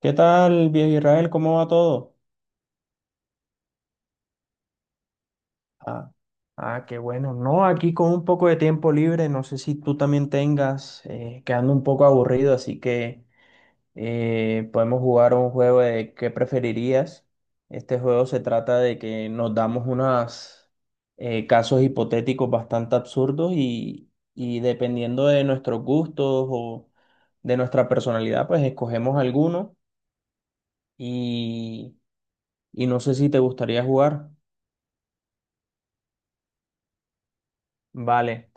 ¿Qué tal, viejo Israel? ¿Cómo va todo? Ah, qué bueno. No, aquí con un poco de tiempo libre, no sé si tú también tengas, quedando un poco aburrido, así que podemos jugar un juego de qué preferirías. Este juego se trata de que nos damos unos casos hipotéticos bastante absurdos y dependiendo de nuestros gustos o de nuestra personalidad, pues escogemos alguno y, y no sé si te gustaría jugar. Vale,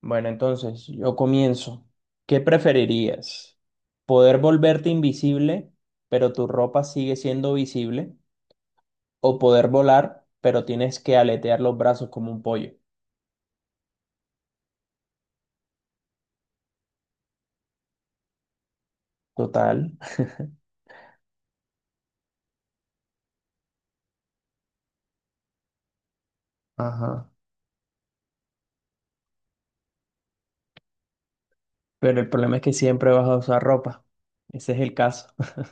bueno, entonces yo comienzo. ¿Qué preferirías? ¿Poder volverte invisible, pero tu ropa sigue siendo visible? ¿O poder volar, pero tienes que aletear los brazos como un pollo? Total. Ajá. Pero el problema es que siempre vas a usar ropa. Ese es el caso.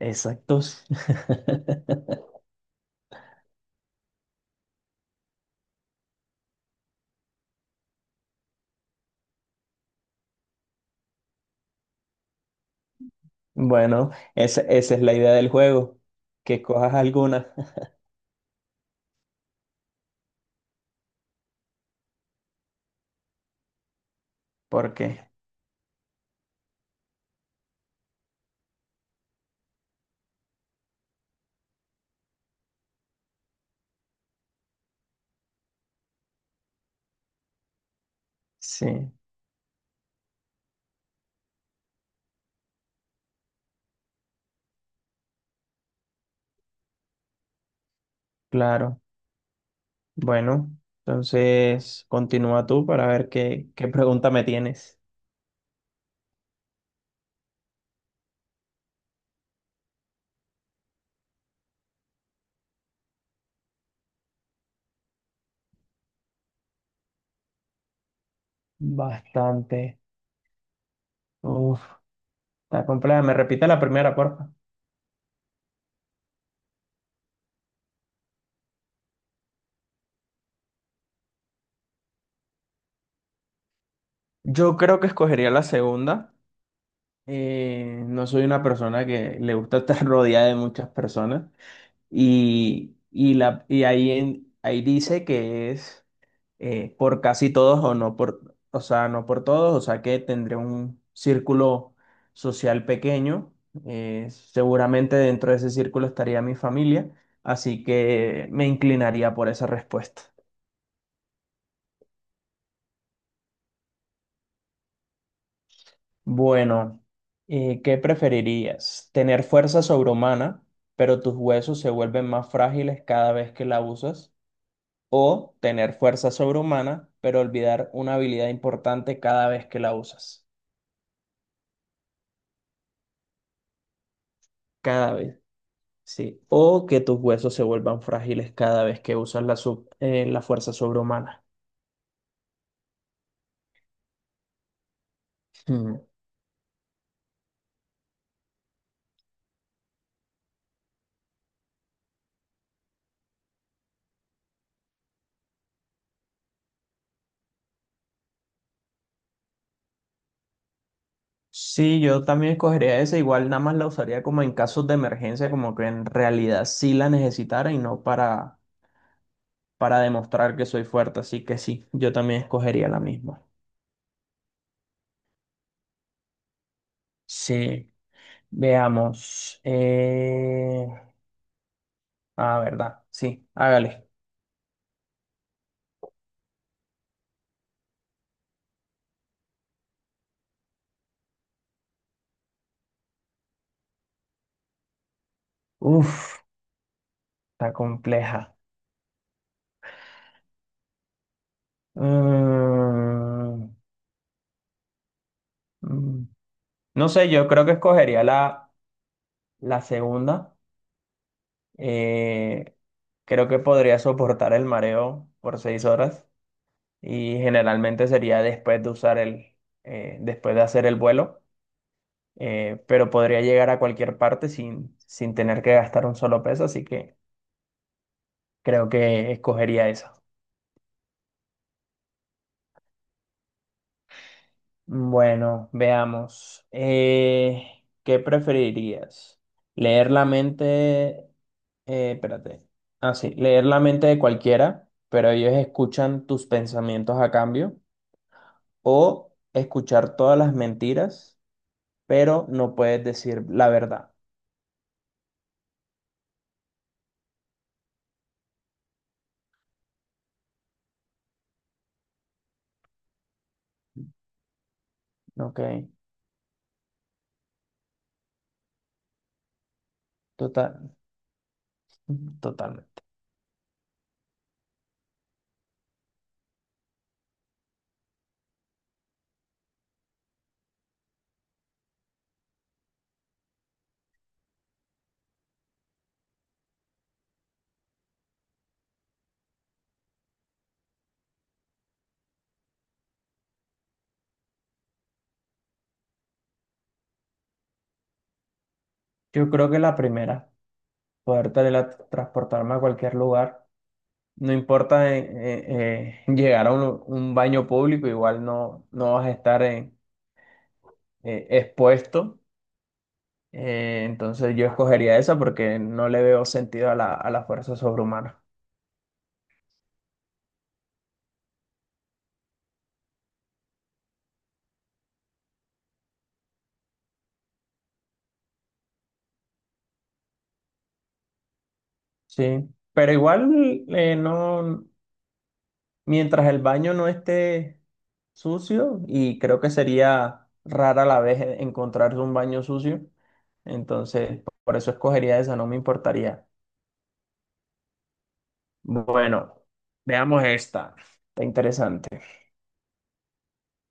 Exacto. Bueno, esa es la idea del juego, que cojas alguna. Porque, sí, claro. Bueno, entonces continúa tú para ver qué pregunta me tienes. Bastante. Uf, está compleja. Me repite la primera, porfa. Yo creo que escogería la segunda. No soy una persona que le gusta estar rodeada de muchas personas. Y ahí, ahí dice que es por casi todos o no por, o sea, no por todos, o sea que tendré un círculo social pequeño. Seguramente dentro de ese círculo estaría mi familia, así que me inclinaría por esa respuesta. Bueno, ¿qué preferirías? ¿Tener fuerza sobrehumana, pero tus huesos se vuelven más frágiles cada vez que la usas? ¿O tener fuerza sobrehumana, pero olvidar una habilidad importante cada vez que la usas? Cada vez, sí. O que tus huesos se vuelvan frágiles cada vez que usas la, la fuerza sobrehumana. Hmm. Sí, yo también escogería esa, igual nada más la usaría como en casos de emergencia, como que en realidad sí la necesitara y no para, para demostrar que soy fuerte, así que sí, yo también escogería la misma. Sí, veamos. Ah, verdad, sí, hágale. Uf, está compleja. Mm, mm, no sé, yo creo que escogería la, la segunda. Eh, Creo que podría soportar el mareo por seis horas y generalmente sería después de usar el, después de hacer el vuelo, pero podría llegar a cualquier parte sin, sin tener que gastar un solo peso, así que creo que escogería esa. Bueno, veamos. ¿Qué preferirías? ¿Leer la mente? Espérate. Ah, sí. ¿Leer la mente de cualquiera, pero ellos escuchan tus pensamientos a cambio? ¿O escuchar todas las mentiras, pero no puedes decir la verdad? Ok. Total, totalmente. Yo creo que la primera, poder teletransportarme a cualquier lugar. No importa llegar a un baño público, igual no, no vas a estar expuesto. Entonces yo escogería esa porque no le veo sentido a la fuerza sobrehumana. Sí, pero igual no, mientras el baño no esté sucio, y creo que sería rara la vez encontrar un baño sucio, entonces por eso escogería esa, no me importaría. Bueno, veamos esta, está interesante.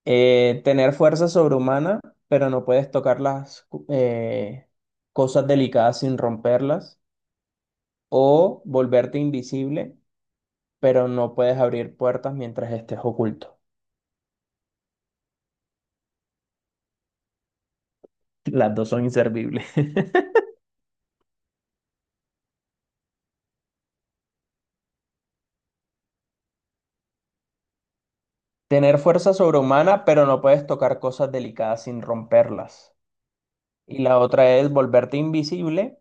Tener fuerza sobrehumana, pero no puedes tocar las cosas delicadas sin romperlas, o volverte invisible, pero no puedes abrir puertas mientras estés oculto. Las dos son inservibles. Tener fuerza sobrehumana, pero no puedes tocar cosas delicadas sin romperlas. Y la otra es volverte invisible,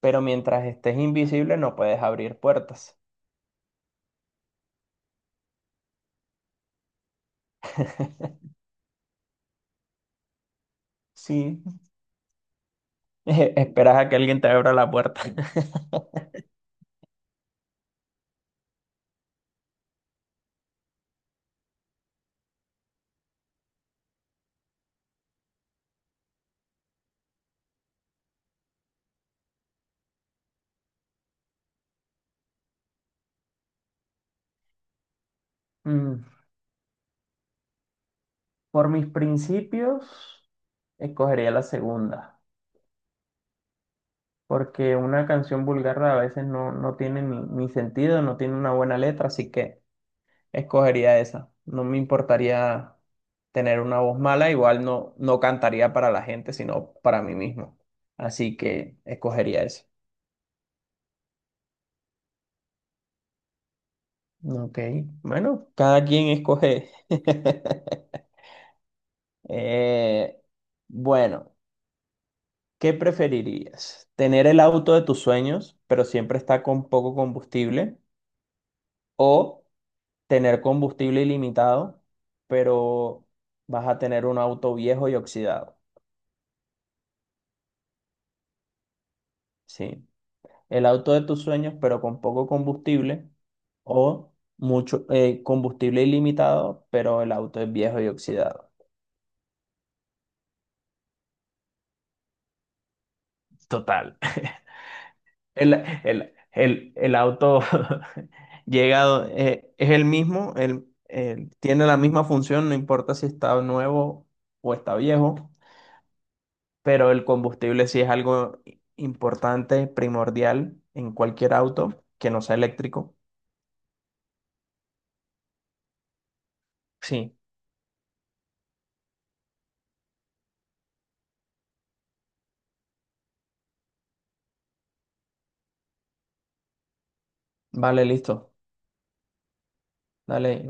pero mientras estés invisible no puedes abrir puertas. Sí, esperas a que alguien te abra la puerta. Mm. Por mis principios, escogería la segunda, porque una canción vulgar a veces no, no tiene ni, ni sentido, no tiene una buena letra, así que escogería esa. No me importaría tener una voz mala, igual no, no cantaría para la gente, sino para mí mismo. Así que escogería esa. Ok, bueno, cada quien escoge. Eh, bueno. ¿Qué preferirías? ¿Tener el auto de tus sueños, pero siempre está con poco combustible? ¿O tener combustible ilimitado, pero vas a tener un auto viejo y oxidado? Sí. El auto de tus sueños, pero con poco combustible. ¿O mucho combustible ilimitado, pero el auto es viejo y oxidado? Total. El, el auto llegado es el mismo, tiene la misma función, no importa si está nuevo o está viejo, pero el combustible sí es algo importante, primordial en cualquier auto que no sea eléctrico. Sí, vale, listo. Dale,